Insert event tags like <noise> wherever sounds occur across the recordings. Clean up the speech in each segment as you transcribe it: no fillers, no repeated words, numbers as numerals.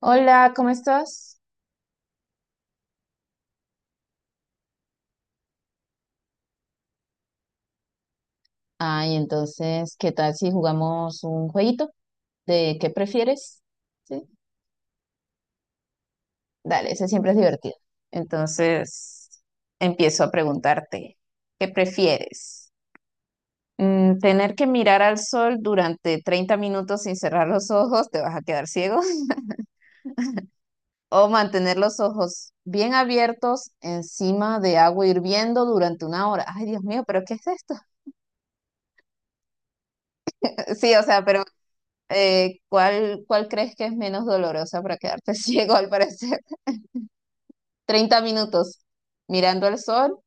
Hola, ¿cómo estás? Ay, entonces, ¿qué tal si jugamos un jueguito de qué prefieres? Sí, dale, ese siempre es divertido. Entonces, empiezo a preguntarte, ¿qué prefieres? ¿Tener que mirar al sol durante 30 minutos sin cerrar los ojos, te vas a quedar ciego? <laughs> ¿O mantener los ojos bien abiertos encima de agua hirviendo durante una hora? Ay, Dios mío, ¿pero qué es esto? <laughs> Sí, o sea, pero. ¿Cuál crees que es menos dolorosa para quedarte <laughs> ciego al parecer? 30 minutos mirando el sol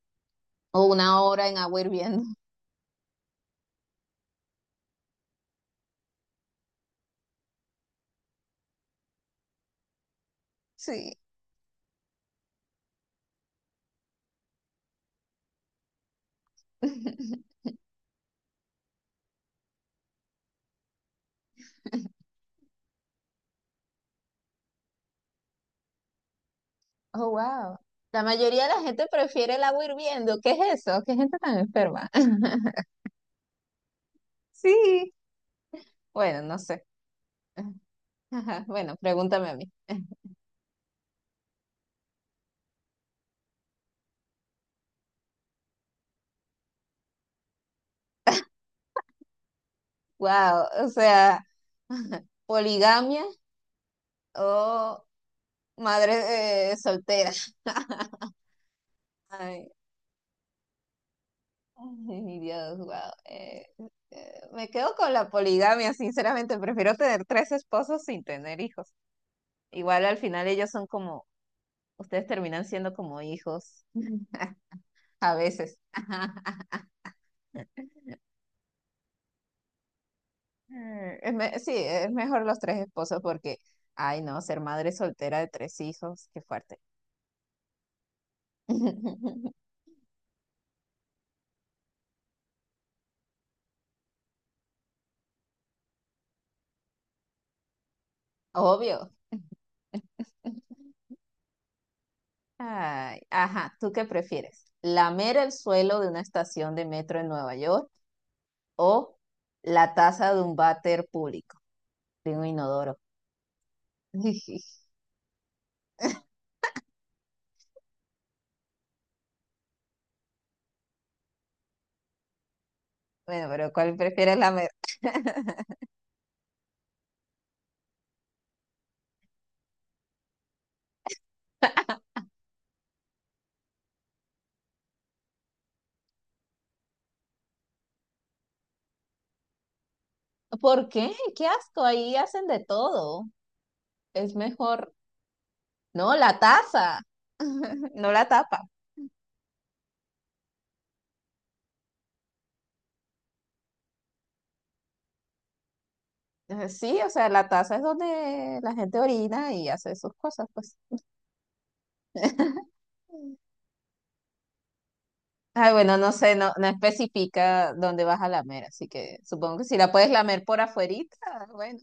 o una hora en agua hirviendo. Sí. <laughs> Oh, wow. La mayoría de la gente prefiere el agua hirviendo. ¿Qué es eso? ¿Qué gente tan enferma? <laughs> Sí. Bueno, no sé. <laughs> Ajá, bueno, pregúntame a mí. <laughs> Wow, o sea, <laughs> poligamia o madre soltera. <laughs> Ay, ay, mi Dios, wow. Eh, me quedo con la poligamia, sinceramente. Prefiero tener tres esposos sin tener hijos. Igual al final ellos son como, ustedes terminan siendo como hijos, <laughs> a veces. <laughs> Sí, es mejor los tres esposos porque, ay, no, ser madre soltera de tres hijos, qué fuerte. <laughs> Obvio. Ay, ajá, ¿tú qué prefieres? ¿Lamer el suelo de una estación de metro en Nueva York? ¿O la taza de un váter público, de un inodoro? <laughs> Bueno, pero ¿cuál prefieres ¿Por qué? ¡Qué asco! Ahí hacen de todo. Es mejor. No, la taza. <laughs> No la tapa. Sí, o sea, la taza es donde la gente orina y hace sus cosas, pues. Ay, bueno, no sé, no, no especifica dónde vas a lamer, así que supongo que si la puedes lamer por afuerita, bueno.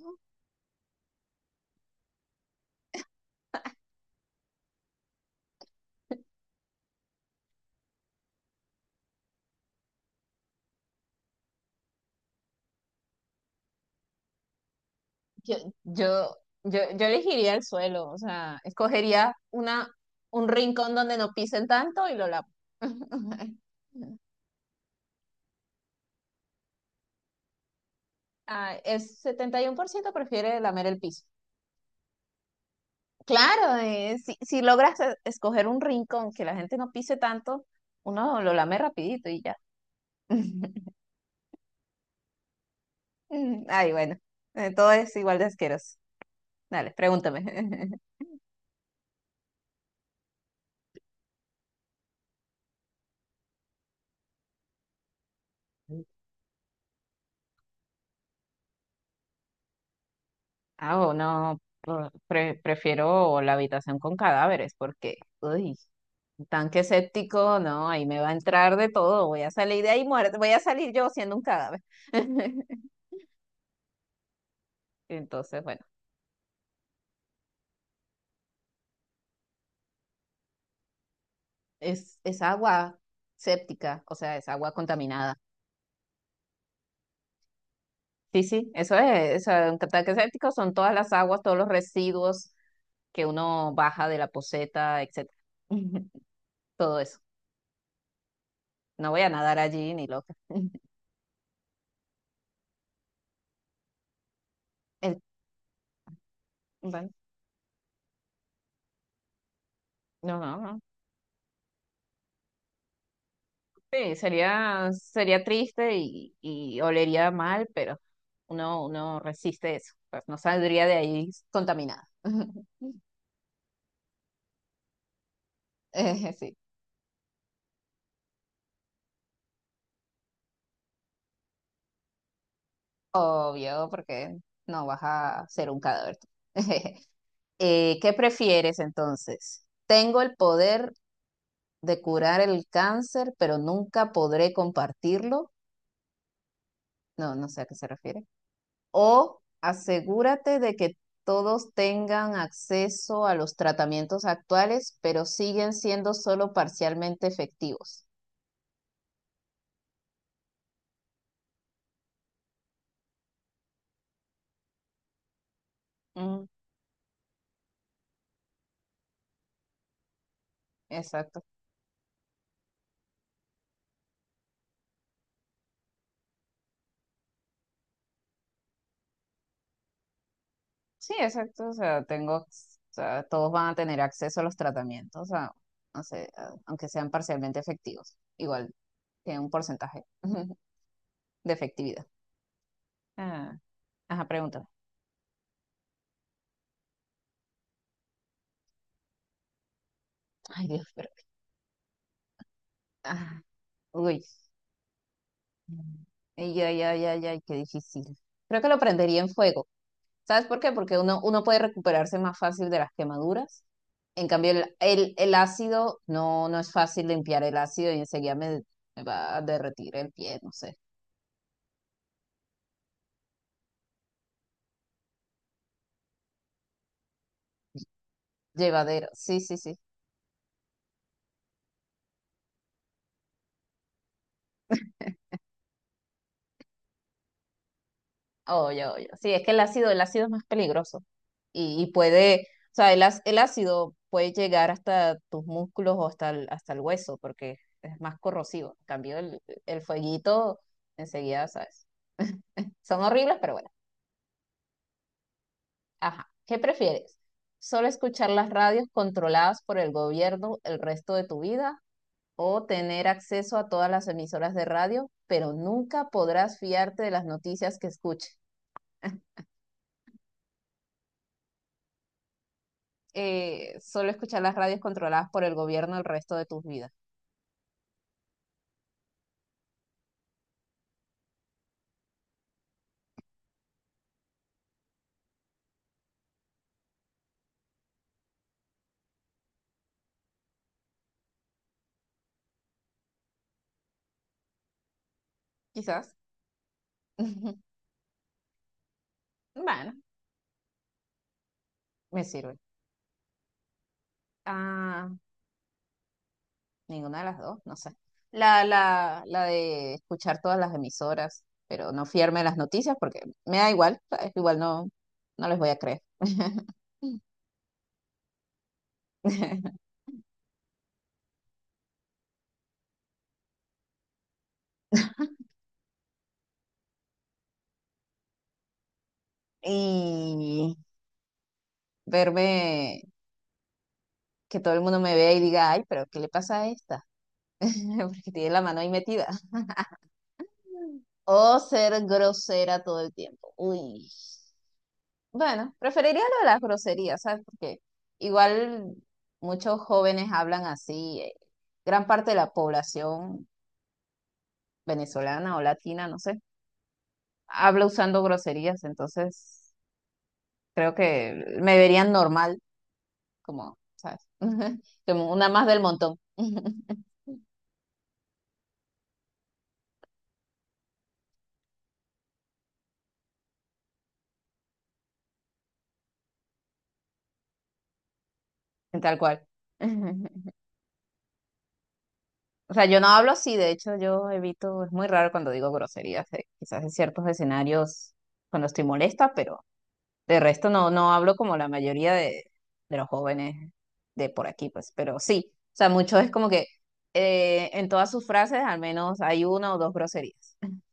Yo, yo, yo elegiría el suelo, o sea, escogería un rincón donde no pisen tanto y lo lavo. <laughs> Ah, el 71% prefiere lamer el piso. Claro, si logras escoger un rincón que la gente no pise tanto, uno lo lame rapidito y ya. <laughs> Ay, bueno, todo es igual de asqueroso. Dale, pregúntame. <laughs> Ah, o no, prefiero la habitación con cadáveres porque, uy, un tanque séptico, no, ahí me va a entrar de todo, voy a salir de ahí muerta, voy a salir yo siendo un cadáver. <laughs> Entonces, bueno, es agua séptica, o sea, es agua contaminada. Sí, sí, eso es, o sea, un tanque séptico son todas las aguas, todos los residuos que uno baja de la poceta, etcétera. <laughs> Todo eso. No voy a nadar allí ni loca. <laughs> El- bueno, no, no, no. Sí, sería, sería triste y olería mal, pero uno resiste eso, pues no saldría de ahí contaminada. <laughs> Sí, obvio, porque no vas a ser un cadáver, tú. <laughs> ¿Qué prefieres entonces? ¿Tengo el poder de curar el cáncer, pero nunca podré compartirlo? No, no sé a qué se refiere. O asegúrate de que todos tengan acceso a los tratamientos actuales, pero siguen siendo solo parcialmente efectivos. Mm, exacto. Sí, exacto. O sea, tengo, o sea, todos van a tener acceso a los tratamientos, no sé, aunque sean parcialmente efectivos. Igual tiene un porcentaje <laughs> de efectividad. Ah, ajá, pregúntame. Ay, Dios, pero. Ah, uy. Ay, ay, ay, ay, ay, qué difícil. Creo que lo prendería en fuego. ¿Sabes por qué? Porque uno puede recuperarse más fácil de las quemaduras. En cambio, el ácido no, no es fácil limpiar el ácido y enseguida me va a derretir el pie, no sé. Llevadero. Sí, sí, sí. Oye, oye. Sí, es que el ácido es más peligroso. Y puede, o sea, el, el ácido puede llegar hasta tus músculos o hasta el hueso, porque es más corrosivo. En cambio, el fueguito enseguida, ¿sabes? <laughs> Son horribles, pero bueno. Ajá. ¿Qué prefieres? ¿Solo escuchar las radios controladas por el gobierno el resto de tu vida? ¿O tener acceso a todas las emisoras de radio, pero nunca podrás fiarte de las noticias que escuches? Solo escuchar las radios controladas por el gobierno el resto de tus vidas. Quizás. <laughs> Bueno, me sirve. Ah, ninguna de las dos, no sé. La de escuchar todas las emisoras, pero no fiarme de las noticias porque me da igual, ¿sabes? Igual no, no les voy a creer. <laughs> <laughs> Y verme, que todo el mundo me vea y diga, ay, pero ¿qué le pasa a esta? <laughs> Porque tiene la mano ahí metida. O ser grosera todo el tiempo. Uy. Bueno, preferiría lo de las groserías, ¿sabes? Porque igual muchos jóvenes hablan así. Gran parte de la población venezolana o latina, no sé, habla usando groserías, entonces creo que me verían normal. Como, ¿sabes? <laughs> Como una más del montón, <laughs> tal cual. <laughs> O sea, yo no hablo así, de hecho yo evito, es muy raro cuando digo groserías, quizás en ciertos escenarios cuando estoy molesta, pero de resto no, no hablo como la mayoría de, los jóvenes de por aquí, pues, pero sí, o sea, mucho es como que en todas sus frases al menos hay una o dos groserías. <laughs>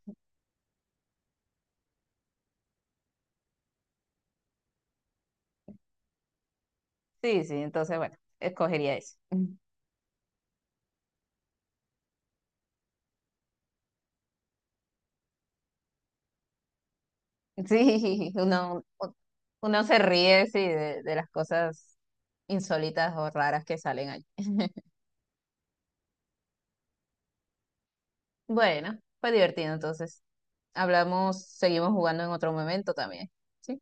Sí, sí, entonces bueno, escogería eso. <laughs> Sí, uno se ríe, sí, de las cosas insólitas o raras que salen allí. <laughs> Bueno, fue divertido entonces. Hablamos, seguimos jugando en otro momento también. ¿Sí?